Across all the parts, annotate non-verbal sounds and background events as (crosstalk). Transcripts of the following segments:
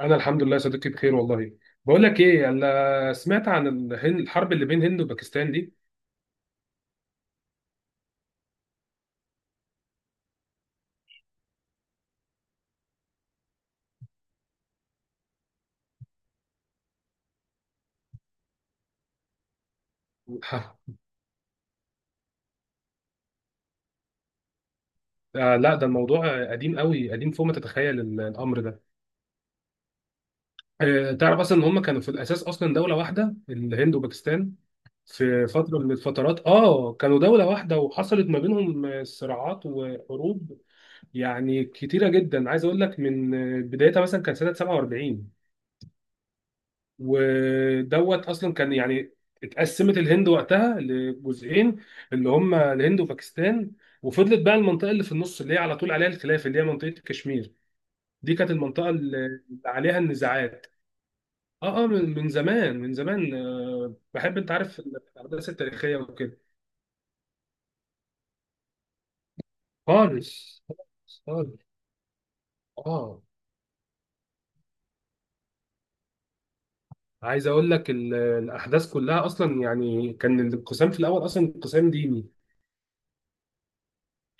انا الحمد لله يا صديقي، بخير والله. بقول لك ايه، انا سمعت عن الهند، الحرب اللي بين هند وباكستان دي. (laughs) ها. لا، ده الموضوع قديم قوي، قديم فوق ما تتخيل الامر ده. تعرف اصلا ان هم كانوا في الاساس اصلا دولة واحدة، الهند وباكستان. في فترة من الفترات كانوا دولة واحدة وحصلت ما بينهم صراعات وحروب يعني كتيرة جدا. عايز اقول لك من بدايتها مثلا كان سنة 47، ودوت اصلا كان يعني اتقسمت الهند وقتها لجزئين، اللي هم الهند وباكستان. وفضلت بقى المنطقه اللي في النص، اللي هي على طول عليها الخلاف، اللي هي منطقه كشمير. دي كانت المنطقه اللي عليها النزاعات. اه من زمان، من زمان، بحب، انت عارف الاحداث التاريخيه وكده. خالص خالص خالص. اه عايز اقول لك الاحداث كلها اصلا، يعني كان الانقسام في الاول اصلا انقسام ديني،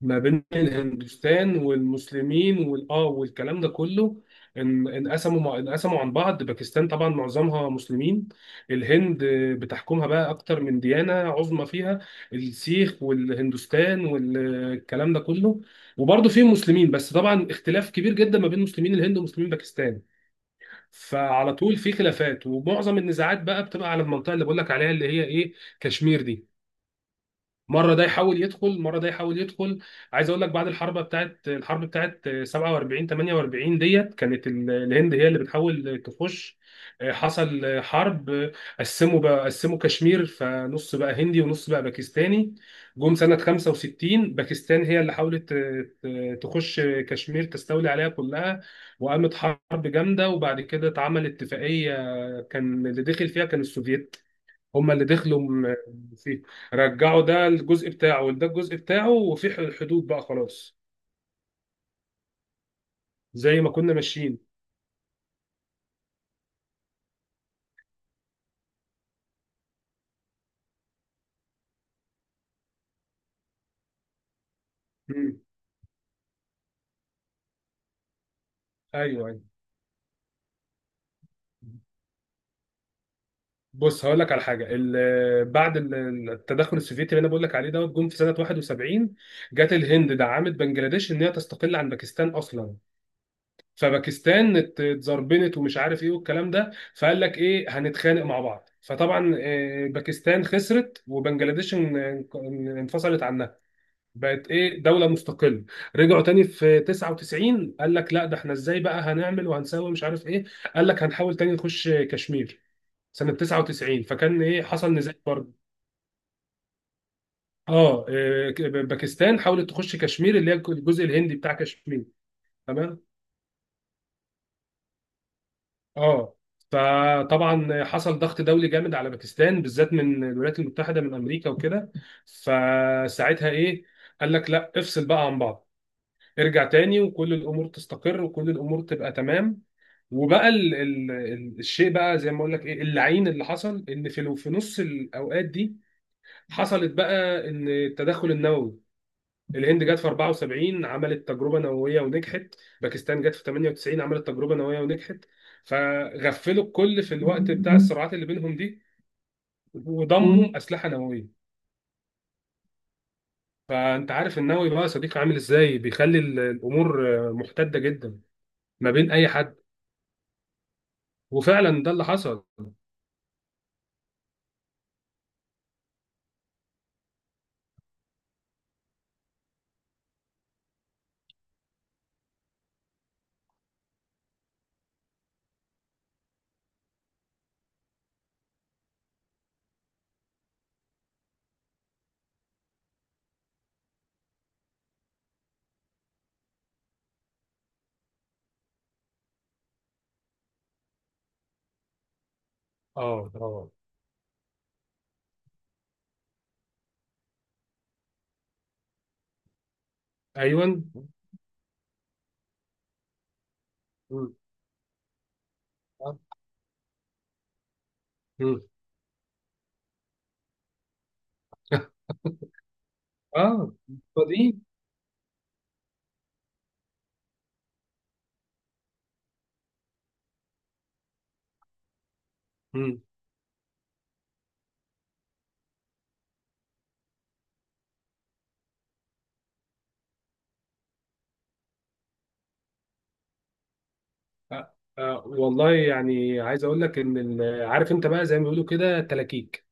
ما بين الهندوستان والمسلمين والاه والكلام ده كله. ان انقسموا عن بعض. باكستان طبعا معظمها مسلمين. الهند بتحكمها بقى اكتر من ديانة عظمى فيها، السيخ والهندوستان والكلام ده كله، وبرضه فيهم مسلمين. بس طبعا اختلاف كبير جدا ما بين مسلمين الهند ومسلمين باكستان. فعلى طول في خلافات، ومعظم النزاعات بقى بتبقى على المنطقة اللي بقول لك عليها، اللي هي ايه، كشمير دي. مره ده يحاول يدخل، مره ده يحاول يدخل. عايز اقول لك بعد الحرب بتاعت 47 48 ديت، كانت الهند هي اللي بتحاول تخش. حصل حرب. قسموا بقى، قسموا كشمير، فنص بقى هندي ونص بقى باكستاني. جم سنه 65، باكستان هي اللي حاولت تخش كشمير، تستولي عليها كلها. وقامت حرب جامده، وبعد كده اتعمل اتفاقيه، كان اللي دخل فيها كان السوفييت. هما اللي دخلوا فيه، رجعوا ده الجزء بتاعه وده الجزء بتاعه، وفي حدود بقى، خلاص، زي ما كنا ماشيين. مم. ايوه، ايوه. بص، هقول لك على حاجه. بعد التدخل السوفيتي اللي انا بقول لك عليه دوت، جم في سنه 71. جت الهند دعمت بنجلاديش ان هي تستقل عن باكستان اصلا. فباكستان اتزربنت ومش عارف ايه والكلام ده، فقال لك ايه، هنتخانق مع بعض. فطبعا باكستان خسرت، وبنجلاديش انفصلت عنها، بقت ايه، دولة مستقلة. رجعوا تاني في 99، قال لك لا، ده احنا ازاي بقى هنعمل وهنسوي، مش عارف ايه. قال لك هنحاول تاني نخش كشمير سنة 99. فكان ايه، حصل نزاع برضه. اه إيه، باكستان حاولت تخش كشمير، اللي هي الجزء الهندي بتاع كشمير. تمام. اه. فطبعا حصل ضغط دولي جامد على باكستان بالذات، من الولايات المتحدة، من امريكا وكده. فساعتها ايه، قال لك لا، افصل بقى عن بعض، ارجع تاني، وكل الامور تستقر وكل الامور تبقى تمام. وبقى الشيء بقى زي ما اقول لك ايه، اللعين اللي حصل، ان في نص الاوقات دي حصلت بقى ان التدخل النووي. الهند جت في 74 عملت تجربه نوويه ونجحت. باكستان جت في 98 عملت تجربه نوويه ونجحت. فغفلوا الكل في الوقت بتاع الصراعات اللي بينهم دي، وضموا اسلحه نوويه. فانت عارف النووي بقى يا صديقي عامل ازاي، بيخلي الامور محتده جدا ما بين اي حد. وفعلا ده اللي حصل. اه، اه، ايوه. مم. اه، فاضيين. مم. والله، يعني عايز اقول لك ان عارف انت بقى زي ما بيقولوا كده تلاكيك.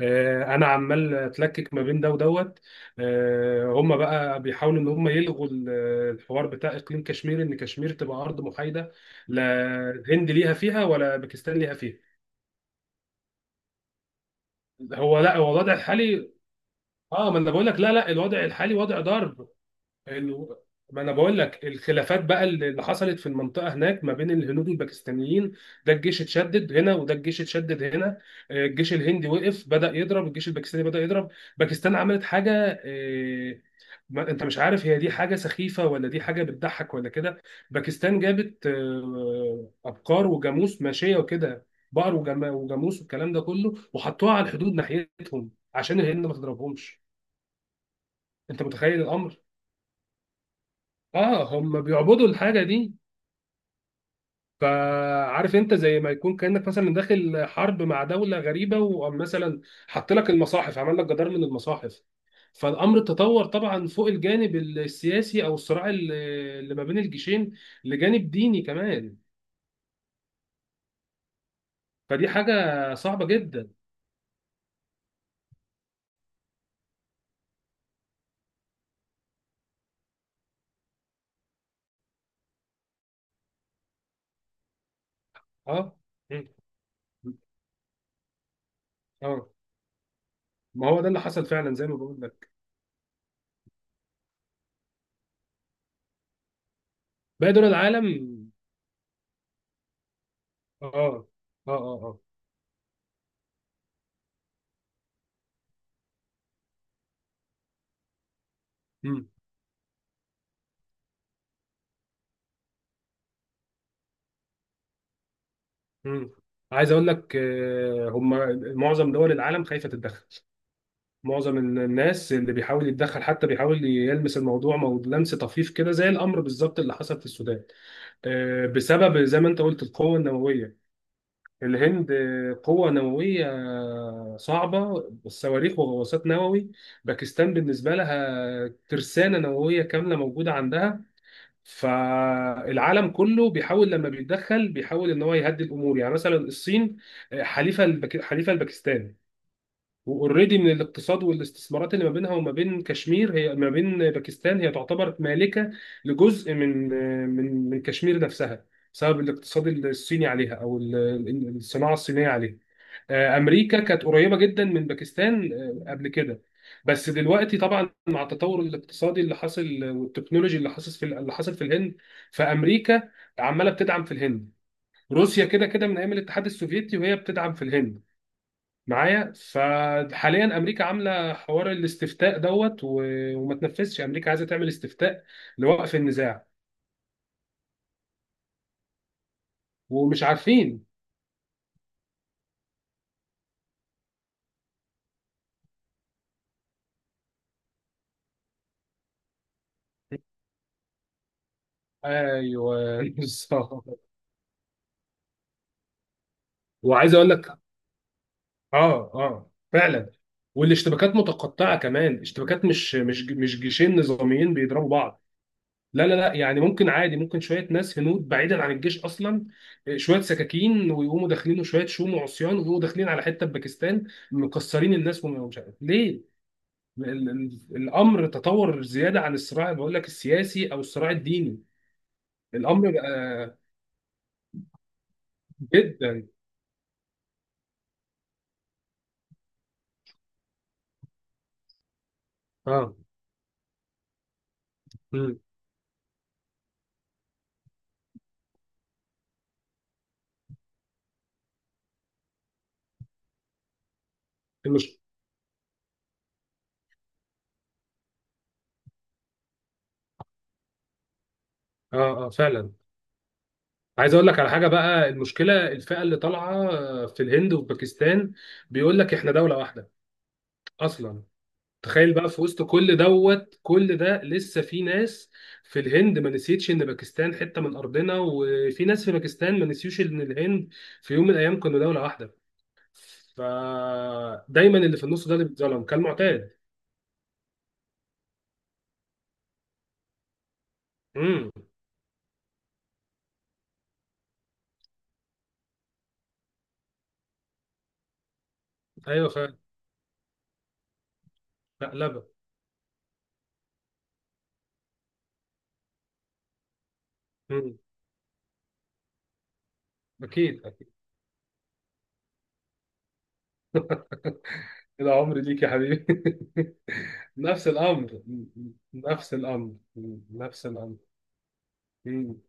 انا عمال اتلكك ما بين ده ودوت. هم بقى بيحاولوا ان هم يلغوا الحوار بتاع اقليم كشمير، ان كشمير تبقى ارض محايده. لا الهند ليها فيها ولا باكستان ليها فيها. هو لا، هو الوضع الحالي. اه، ما انا بقول لك، لا لا، الوضع الحالي وضع ضار. ال- ما انا بقول لك الخلافات بقى اللي اللي حصلت في المنطقه هناك ما بين الهنود والباكستانيين. ده الجيش اتشدد هنا، وده الجيش اتشدد هنا. الجيش الهندي وقف بدأ يضرب، الجيش الباكستاني بدأ يضرب. باكستان عملت حاجه. ما انت مش عارف، هي دي حاجه سخيفه، ولا دي حاجه بتضحك، ولا كده. باكستان جابت ابقار وجاموس ماشيه وكده، بقر وجاموس والكلام ده كله، وحطوها على الحدود ناحيتهم عشان الهند ما تضربهمش. انت متخيل الامر. اه، هم بيعبدوا الحاجه دي. فعارف انت، زي ما يكون كانك مثلا داخل حرب مع دوله غريبه، ومثلا حط لك المصاحف، عمل لك جدار من المصاحف. فالامر تطور طبعا فوق الجانب السياسي، او الصراع اللي اللي ما بين الجيشين، لجانب ديني كمان. فدي حاجه صعبه جدا. اه. مم. اه، ما هو ده اللي حصل فعلا زي ما بقول لك. باقي دول العالم. اه، اه، اه، اه. مم. مم. عايز اقول لك هم معظم دول العالم خايفه تتدخل. معظم الناس اللي بيحاول يتدخل حتى بيحاول يلمس الموضوع، لمس طفيف كده، زي الامر بالظبط اللي حصل في السودان. بسبب زي ما انت قلت القوه النوويه. الهند قوه نوويه صعبه، صواريخ وغواصات نووي. باكستان بالنسبه لها ترسانه نوويه كامله موجوده عندها. فالعالم كله بيحاول لما بيتدخل بيحاول ان هو يهدي الامور. يعني مثلا الصين حليفه لباكستان، واوريدي من الاقتصاد والاستثمارات اللي ما بينها وما بين كشمير، هي ما بين باكستان، هي تعتبر مالكة لجزء من من كشمير نفسها، بسبب الاقتصاد الصيني عليها، او الصناعة الصينية عليها. امريكا كانت قريبة جدا من باكستان قبل كده. بس دلوقتي طبعا مع التطور الاقتصادي اللي حاصل، والتكنولوجي اللي حاصل، في اللي حاصل في الهند، فامريكا عمالة بتدعم في الهند. روسيا كده كده من ايام الاتحاد السوفيتي وهي بتدعم في الهند. معايا، فحاليا امريكا عامله حوار الاستفتاء دوت و... وما تنفذش، امريكا عايزه تعمل استفتاء لوقف النزاع ومش عارفين. ايوه. (laughs) بالظبط. وعايز اقول لك، اه، اه فعلا. والاشتباكات متقطعه كمان، اشتباكات مش جيشين نظاميين بيضربوا بعض. لا لا لا، يعني ممكن عادي، ممكن شويه ناس هنود بعيدا عن الجيش اصلا، شويه سكاكين ويقوموا داخلين، وشويه شوم وعصيان ويقوموا داخلين على حته في باكستان، مكسرين الناس، ومش عارف ليه. الامر تطور زياده عن الصراع، بقول لك السياسي او الصراع الديني. الامر بقى جدا. اه. امم. المش... اه، اه، فعلا. عايز اقول لك على حاجه بقى، المشكله الفئه اللي طالعه في الهند وفي باكستان بيقول لك احنا دوله واحده اصلا. تخيل بقى، في وسط كل دوت كل ده، لسه في ناس في الهند ما نسيتش ان باكستان حته من ارضنا، وفي ناس في باكستان ما نسيوش ان الهند في يوم من الايام كانوا دوله واحده. فدايما اللي في النص ده اللي بيتظلم كالمعتاد. امم. ايوه فعلا. مقلبه. امم. اكيد اكيد. (laughs) العمر ليك يا حبيبي. (laughs) نفس الامر، نفس الامر، نفس الامر. مم.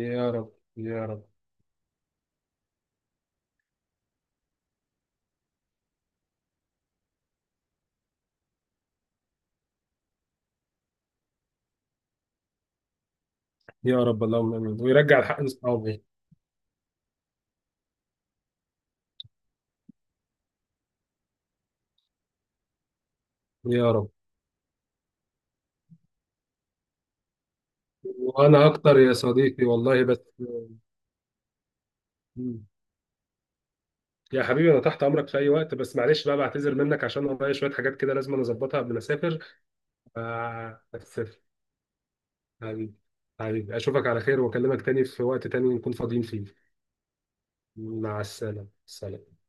يا رب. يا رب. يا رب، اللهم امين ويرجع الحق لاصحابه. يا رب. وانا اكتر يا صديقي والله. بس. مم. يا حبيبي، انا تحت امرك في اي وقت، بس معلش بقى، بعتذر منك عشان ورايا شويه حاجات كده لازم أنا اظبطها قبل ما اسافر. بس حبيبي، حبيبي، اشوفك على خير واكلمك تاني في وقت تاني نكون فاضيين فيه. مع السلامة، سلام.